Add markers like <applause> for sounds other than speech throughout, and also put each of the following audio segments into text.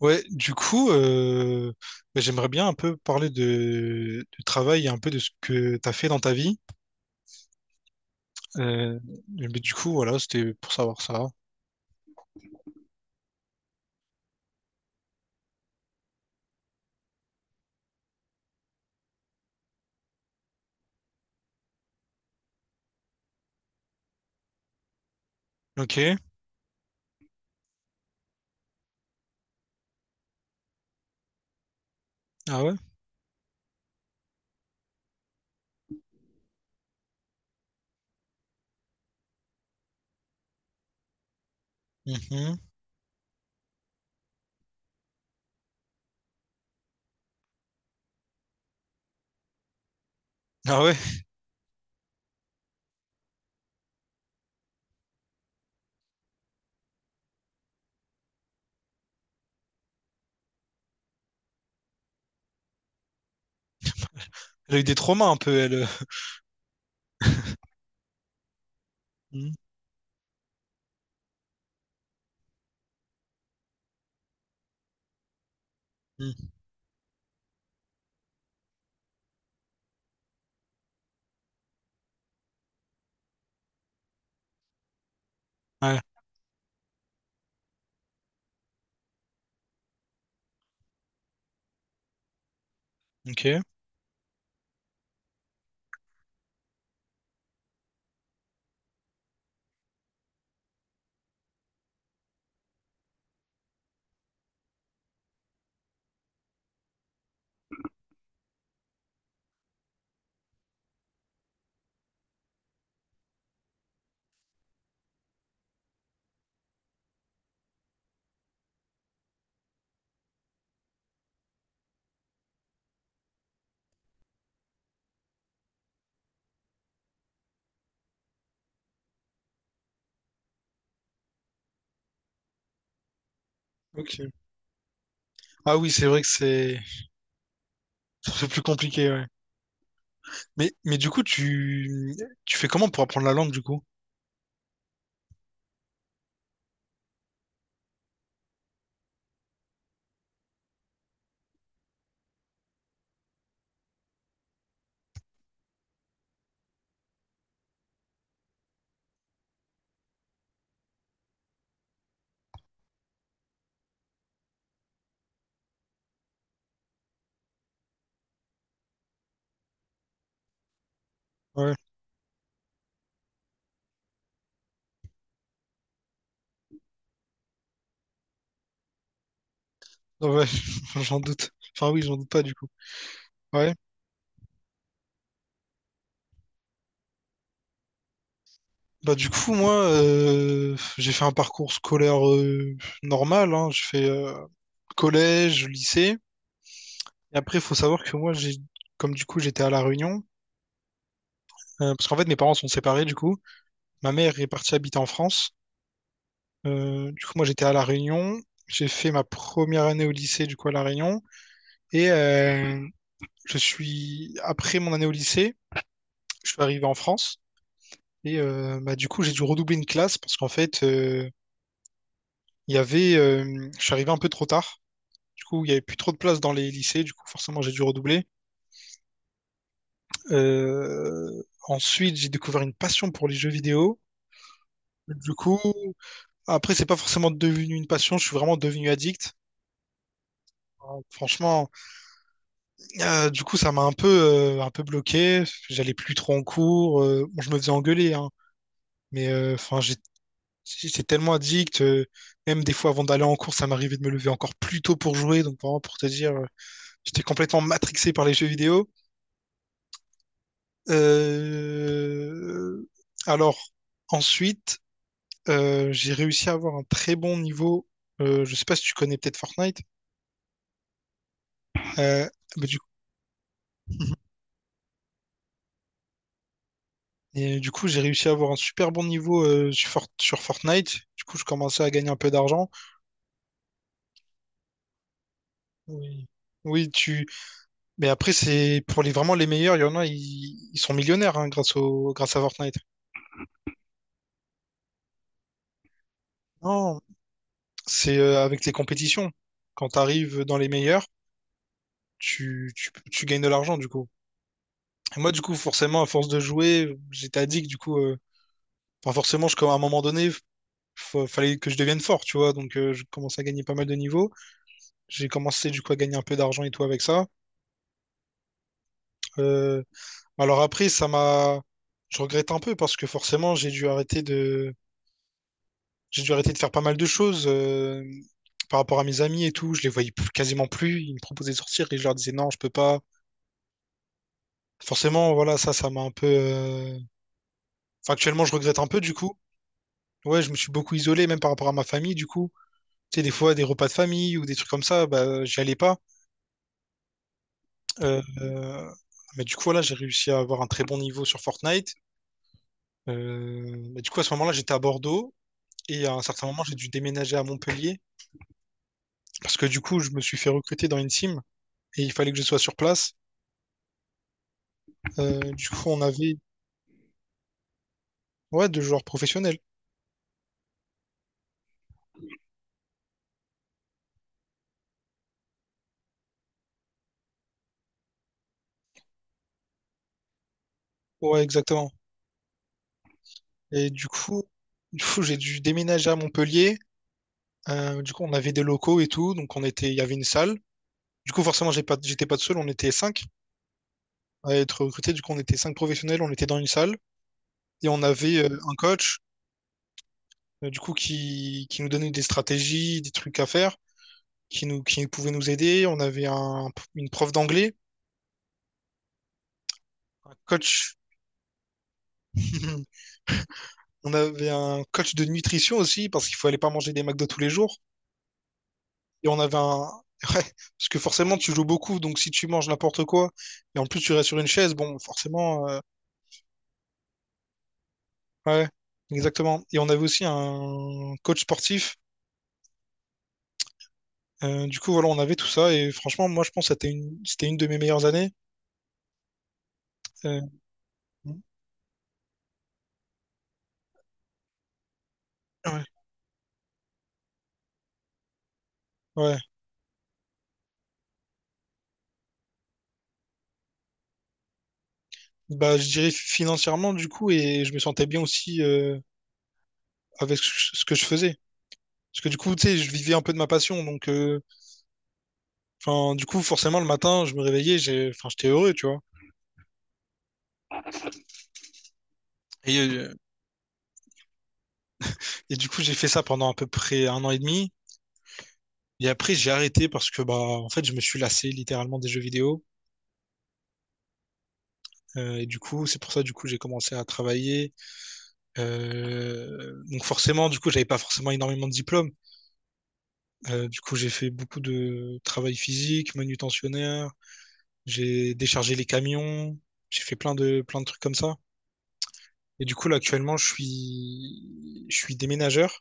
Ouais, du coup, j'aimerais bien un peu parler du travail et un peu de ce que tu as fait dans ta vie. Euh, mais du coup, voilà, c'était pour savoir ça. Ok, ah ouais? Mhm. Ah ouais? Elle a eu des traumas un peu, elle. <laughs> Mhm. Mhm. Ouais, ok. Ok. Ah oui, c'est vrai que c'est plus compliqué, ouais. Mais du coup, tu fais comment pour apprendre la langue, du coup? Ouais. Ah ouais, <laughs> j'en doute. Enfin oui, j'en doute pas, du coup. Ouais. Bah du coup moi j'ai fait un parcours scolaire normal, hein. J'ai fait collège, lycée. Et après il faut savoir que moi j'ai comme du coup j'étais à La Réunion, parce qu'en fait mes parents sont séparés du coup. Ma mère est partie habiter en France. Du coup moi j'étais à La Réunion. J'ai fait ma première année au lycée du coup à La Réunion. Et je suis après mon année au lycée, je suis arrivé en France. Et bah, du coup j'ai dû redoubler une classe parce qu'en fait il y avait je suis arrivé un peu trop tard. Du coup, il n'y avait plus trop de place dans les lycées, du coup, forcément, j'ai dû redoubler. Euh, Ensuite, j'ai découvert une passion pour les jeux vidéo. Du coup, après, c'est pas forcément devenu une passion, je suis vraiment devenu addict. Franchement, du coup, ça m'a un peu bloqué. J'allais plus trop en cours. Bon, je me faisais engueuler, hein, mais j'étais tellement addict. Même des fois, avant d'aller en cours, ça m'arrivait de me lever encore plus tôt pour jouer. Donc, vraiment, pour te dire, j'étais complètement matrixé par les jeux vidéo. Euh, alors, Ensuite, j'ai réussi à avoir un très bon niveau. Je sais pas si tu connais peut-être Fortnite. Euh, bah, du, et du coup, j'ai réussi à avoir un super bon niveau sur Fortnite. Du coup, je commençais à gagner un peu d'argent. Oui. Oui, tu. Mais après, c'est pour les meilleurs. Il y en a, ils sont millionnaires hein, grâce au grâce à Fortnite. Non, c'est avec les compétitions. Quand tu arrives dans les meilleurs, tu gagnes de l'argent du coup. Et moi, du coup, forcément, à force de jouer, j'étais addict, du coup, à un moment donné, fallait que je devienne fort, tu vois, donc je commençais à gagner pas mal de niveaux. J'ai commencé, du coup, à gagner un peu d'argent et tout avec ça. Euh, alors après, ça m'a... Je regrette un peu parce que forcément, j'ai dû arrêter de... J'ai dû arrêter de faire pas mal de choses par rapport à mes amis et tout. Je les voyais plus- quasiment plus. Ils me proposaient de sortir et je leur disais non, je peux pas. Forcément, voilà, ça m'a un peu... Actuellement, je regrette un peu, du coup. Ouais, je me suis beaucoup isolé, même par rapport à ma famille, du coup. Tu sais, des fois, des repas de famille ou des trucs comme ça, bah, j'y allais pas. Euh, euh, mais du coup, là, j'ai réussi à avoir un très bon niveau sur Fortnite. Mais du coup, à ce moment-là, j'étais à Bordeaux. Et à un certain moment, j'ai dû déménager à Montpellier. Parce que du coup, je me suis fait recruter dans une team. Et il fallait que je sois sur place. Du coup, on avait ouais, deux joueurs professionnels. Ouais, exactement. Et du coup, du coup, j'ai dû déménager à Montpellier. Du coup, on avait des locaux et tout. Donc, il y avait une salle. Du coup, forcément, j'étais pas tout seul. On était cinq à être recrutés. Du coup, on était cinq professionnels, on était dans une salle et on avait un coach, qui nous donnait des stratégies, des trucs à faire, qui pouvait nous aider. On avait une prof d'anglais, un coach. <laughs> On avait un coach de nutrition aussi, parce qu'il fallait pas manger des McDo tous les jours. Et on avait un, <laughs> ouais, parce que forcément, tu joues beaucoup, donc si tu manges n'importe quoi, et en plus tu restes sur une chaise, bon, forcément, ouais, exactement. Et on avait aussi un coach sportif. Du coup, voilà, on avait tout ça. Et franchement, moi, je pense que c'était c'était une de mes meilleures années. Euh, ouais, ouais. Bah, je dirais financièrement, du coup, et je me sentais bien aussi avec ce que je faisais. Parce que du coup, tu sais, je vivais un peu de ma passion. Donc, du coup, forcément, le matin, je me réveillais, j'étais heureux, tu vois. Et, du coup, j'ai fait ça pendant à peu près un an et demi. Et après, j'ai arrêté parce que, bah, en fait, je me suis lassé littéralement des jeux vidéo. Et du coup, c'est pour ça, du coup, j'ai commencé à travailler. Donc forcément, du coup, j'avais pas forcément énormément de diplômes. Du coup, j'ai fait beaucoup de travail physique, manutentionnaire, j'ai déchargé les camions, j'ai fait plein de trucs comme ça. Et du coup, là, actuellement, je suis déménageur.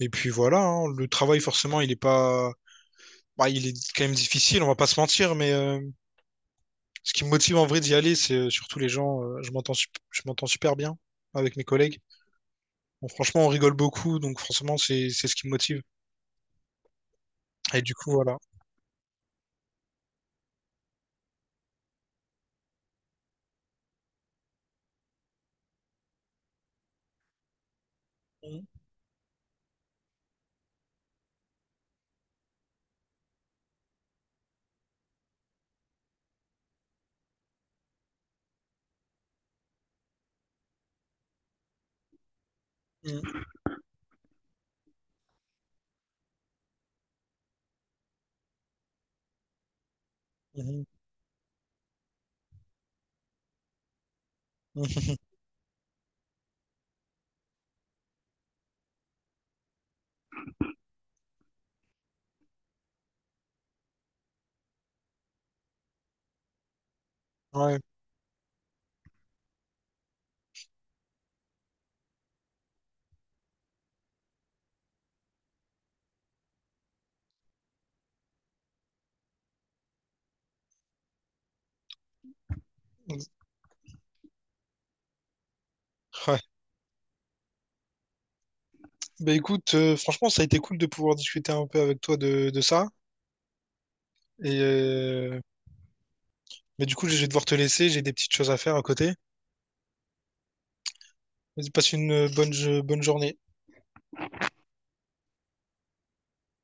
Et puis voilà, hein, le travail forcément, il est pas bah, il est quand même difficile, on va pas se mentir, mais ce qui me motive en vrai d'y aller, c'est surtout les gens. Je m'entends super bien avec mes collègues. Bon, franchement, on rigole beaucoup, donc forcément, c'est ce qui me motive. Et du coup, voilà. Mhm, mhm, mhm. Ouais. Ouais. Bah écoute, franchement, ça a été cool de pouvoir discuter un peu avec toi de ça. Et mais du coup, je vais devoir te laisser, j'ai des petites choses à faire à côté. Vas-y, passe une bonne journée.